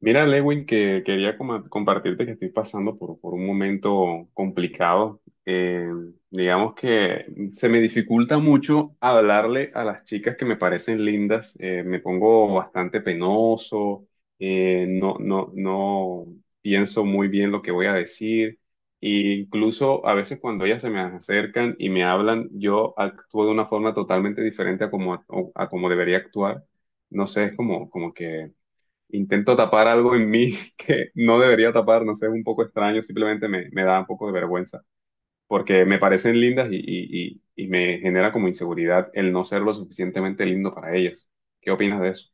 Mira, Lewin, que quería compartirte que estoy pasando por un momento complicado. Digamos que se me dificulta mucho hablarle a las chicas que me parecen lindas. Me pongo bastante penoso, no pienso muy bien lo que voy a decir. E incluso a veces cuando ellas se me acercan y me hablan, yo actúo de una forma totalmente diferente a como debería actuar. No sé, es como, como que intento tapar algo en mí que no debería tapar, no sé, es un poco extraño, simplemente me da un poco de vergüenza, porque me parecen lindas y me genera como inseguridad el no ser lo suficientemente lindo para ellas. ¿Qué opinas de eso?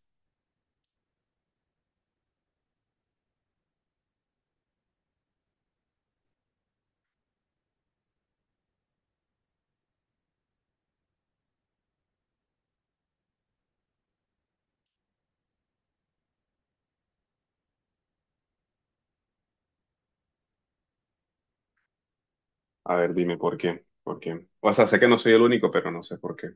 A ver, dime por qué, por qué. O sea, sé que no soy el único, pero no sé por qué.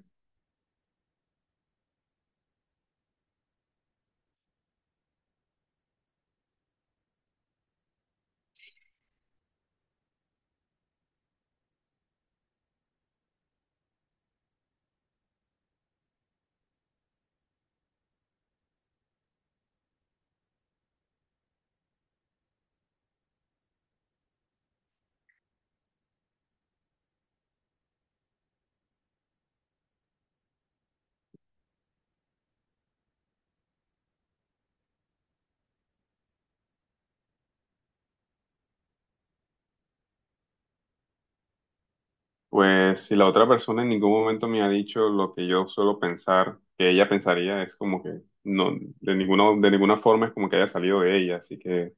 Pues si la otra persona en ningún momento me ha dicho lo que yo suelo pensar, que ella pensaría, es como que no, de ninguna forma es como que haya salido de ella, así que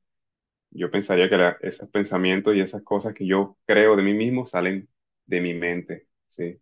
yo pensaría que esos pensamientos y esas cosas que yo creo de mí mismo salen de mi mente, sí.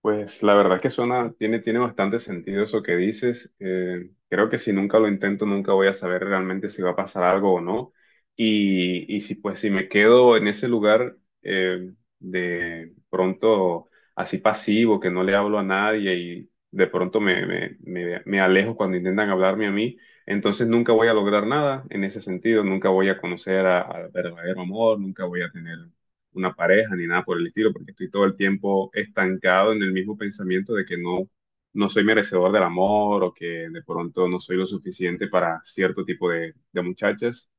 Pues la verdad es que tiene bastante sentido eso que dices. Creo que si nunca lo intento, nunca voy a saber realmente si va a pasar algo o no. Y si pues si me quedo en ese lugar de pronto así pasivo, que no le hablo a nadie y de pronto me alejo cuando intentan hablarme a mí, entonces nunca voy a lograr nada en ese sentido. Nunca voy a conocer al verdadero amor, nunca voy a tener una pareja ni nada por el estilo, porque estoy todo el tiempo estancado en el mismo pensamiento de que no, no soy merecedor del amor o que de pronto no soy lo suficiente para cierto tipo de muchachas.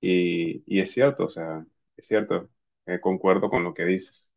Y es cierto, o sea, es cierto, concuerdo con lo que dices.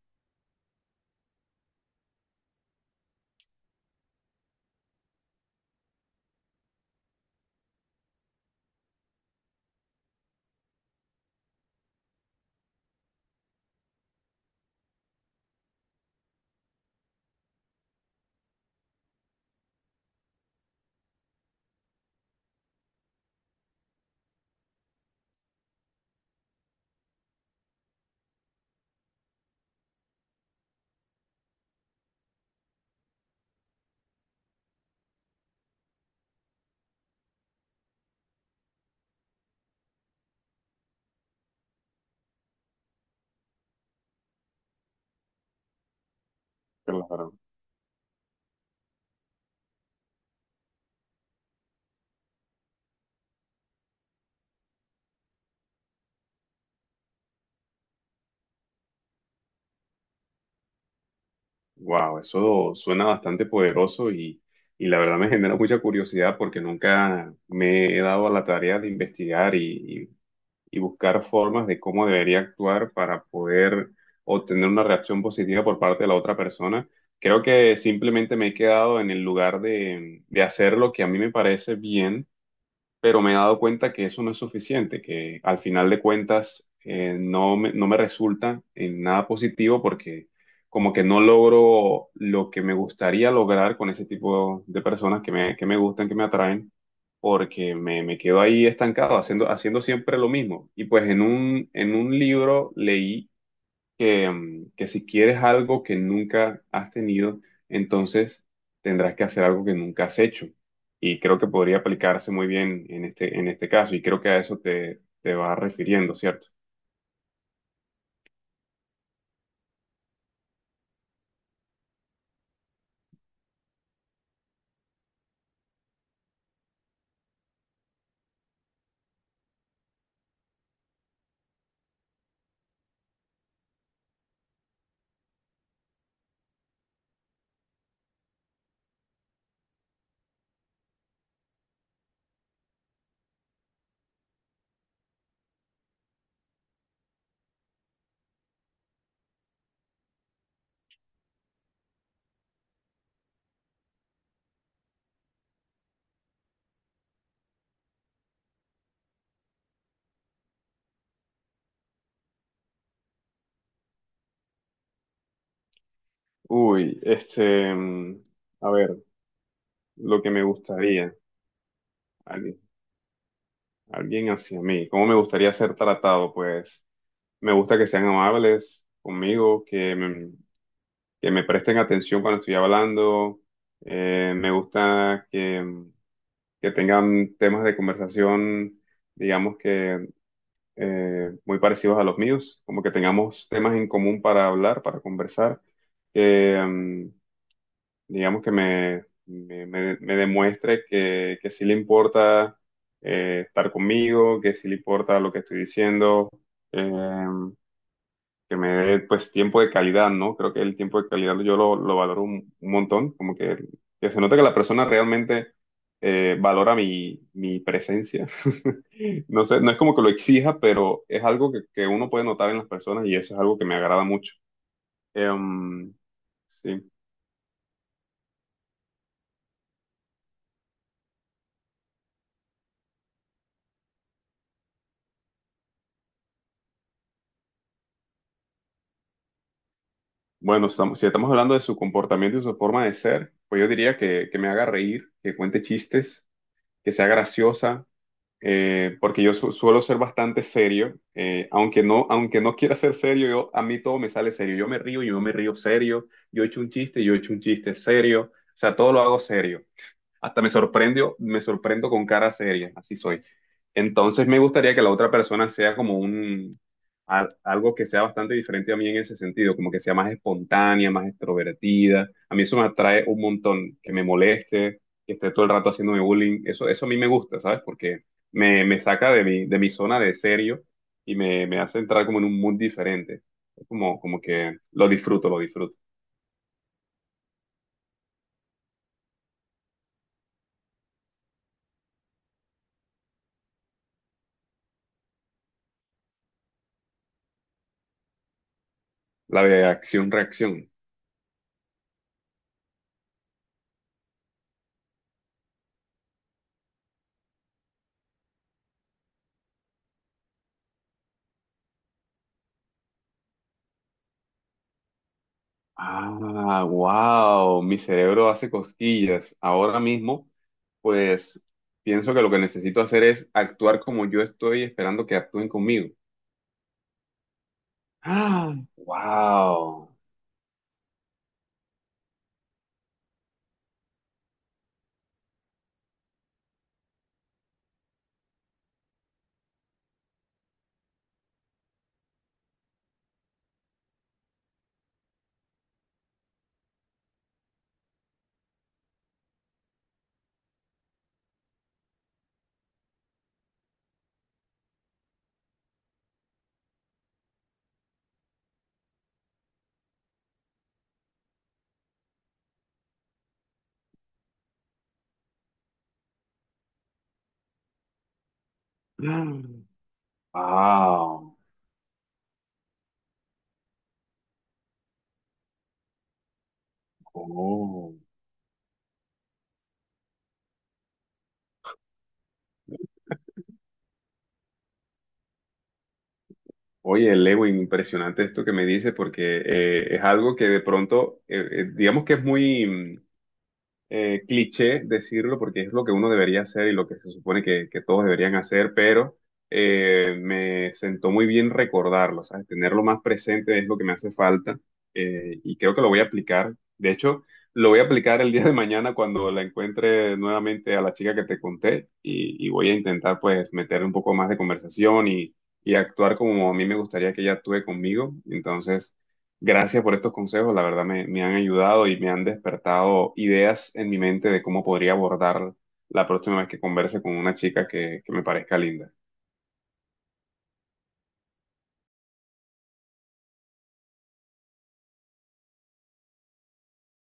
Wow, eso suena bastante poderoso y la verdad me genera mucha curiosidad porque nunca me he dado a la tarea de investigar y buscar formas de cómo debería actuar para poder obtener una reacción positiva por parte de la otra persona. Creo que simplemente me he quedado en el lugar de hacer lo que a mí me parece bien, pero me he dado cuenta que eso no es suficiente, que al final de cuentas no me resulta en nada positivo porque como que no logro lo que me gustaría lograr con ese tipo de personas que me gustan, que me atraen, porque me quedo ahí estancado haciendo siempre lo mismo. Y pues en un libro leí que, que si quieres algo que nunca has tenido, entonces tendrás que hacer algo que nunca has hecho. Y creo que podría aplicarse muy bien en este caso, y creo que a eso te vas refiriendo, ¿cierto? Uy, a ver, lo que me gustaría, alguien, alguien hacia mí, ¿cómo me gustaría ser tratado? Pues me gusta que sean amables conmigo, que me presten atención cuando estoy hablando, me gusta que, que tengan temas de conversación, digamos que muy parecidos a los míos, como que tengamos temas en común para hablar, para conversar, que digamos que me demuestre que sí le importa estar conmigo, que sí le importa lo que estoy diciendo. eh, que me dé pues tiempo de calidad, ¿no? Creo que el tiempo de calidad yo lo valoro un montón, como que se nota que la persona realmente valora mi presencia. No sé, no es como que lo exija, pero es algo que uno puede notar en las personas y eso es algo que me agrada mucho. Em, sí, bueno, si estamos hablando de su comportamiento y su forma de ser, pues yo diría que me haga reír, que cuente chistes, que sea graciosa, porque yo suelo ser bastante serio, aunque no quiera ser serio, yo, a mí todo me sale serio, yo me río serio, yo echo un chiste, yo echo un chiste serio, o sea, todo lo hago serio. Hasta me sorprendo con cara seria, así soy. Entonces me gustaría que la otra persona sea como un, algo que sea bastante diferente a mí en ese sentido, como que sea más espontánea, más extrovertida. A mí eso me atrae un montón, que me moleste, que esté todo el rato haciéndome bullying. Eso a mí me gusta, ¿sabes? Porque me saca de de mi zona de serio y me hace entrar como en un mood diferente. Es como, como que lo disfruto, lo disfruto. La de acción-reacción. Ah, wow, mi cerebro hace cosquillas. Ahora mismo, pues pienso que lo que necesito hacer es actuar como yo estoy esperando que actúen conmigo. Ah, wow. Wow. Oh. Oye, Lewin, impresionante esto que me dice porque es algo que de pronto, digamos que es muy... cliché decirlo porque es lo que uno debería hacer y lo que se supone que todos deberían hacer, pero me sentó muy bien recordarlo, ¿sabes? Tenerlo más presente es lo que me hace falta, y creo que lo voy a aplicar. De hecho, lo voy a aplicar el día de mañana cuando la encuentre nuevamente a la chica que te conté y voy a intentar pues meter un poco más de conversación y actuar como a mí me gustaría que ella actúe conmigo. Entonces... Gracias por estos consejos, la verdad me han ayudado y me han despertado ideas en mi mente de cómo podría abordar la próxima vez que converse con una chica que me parezca linda.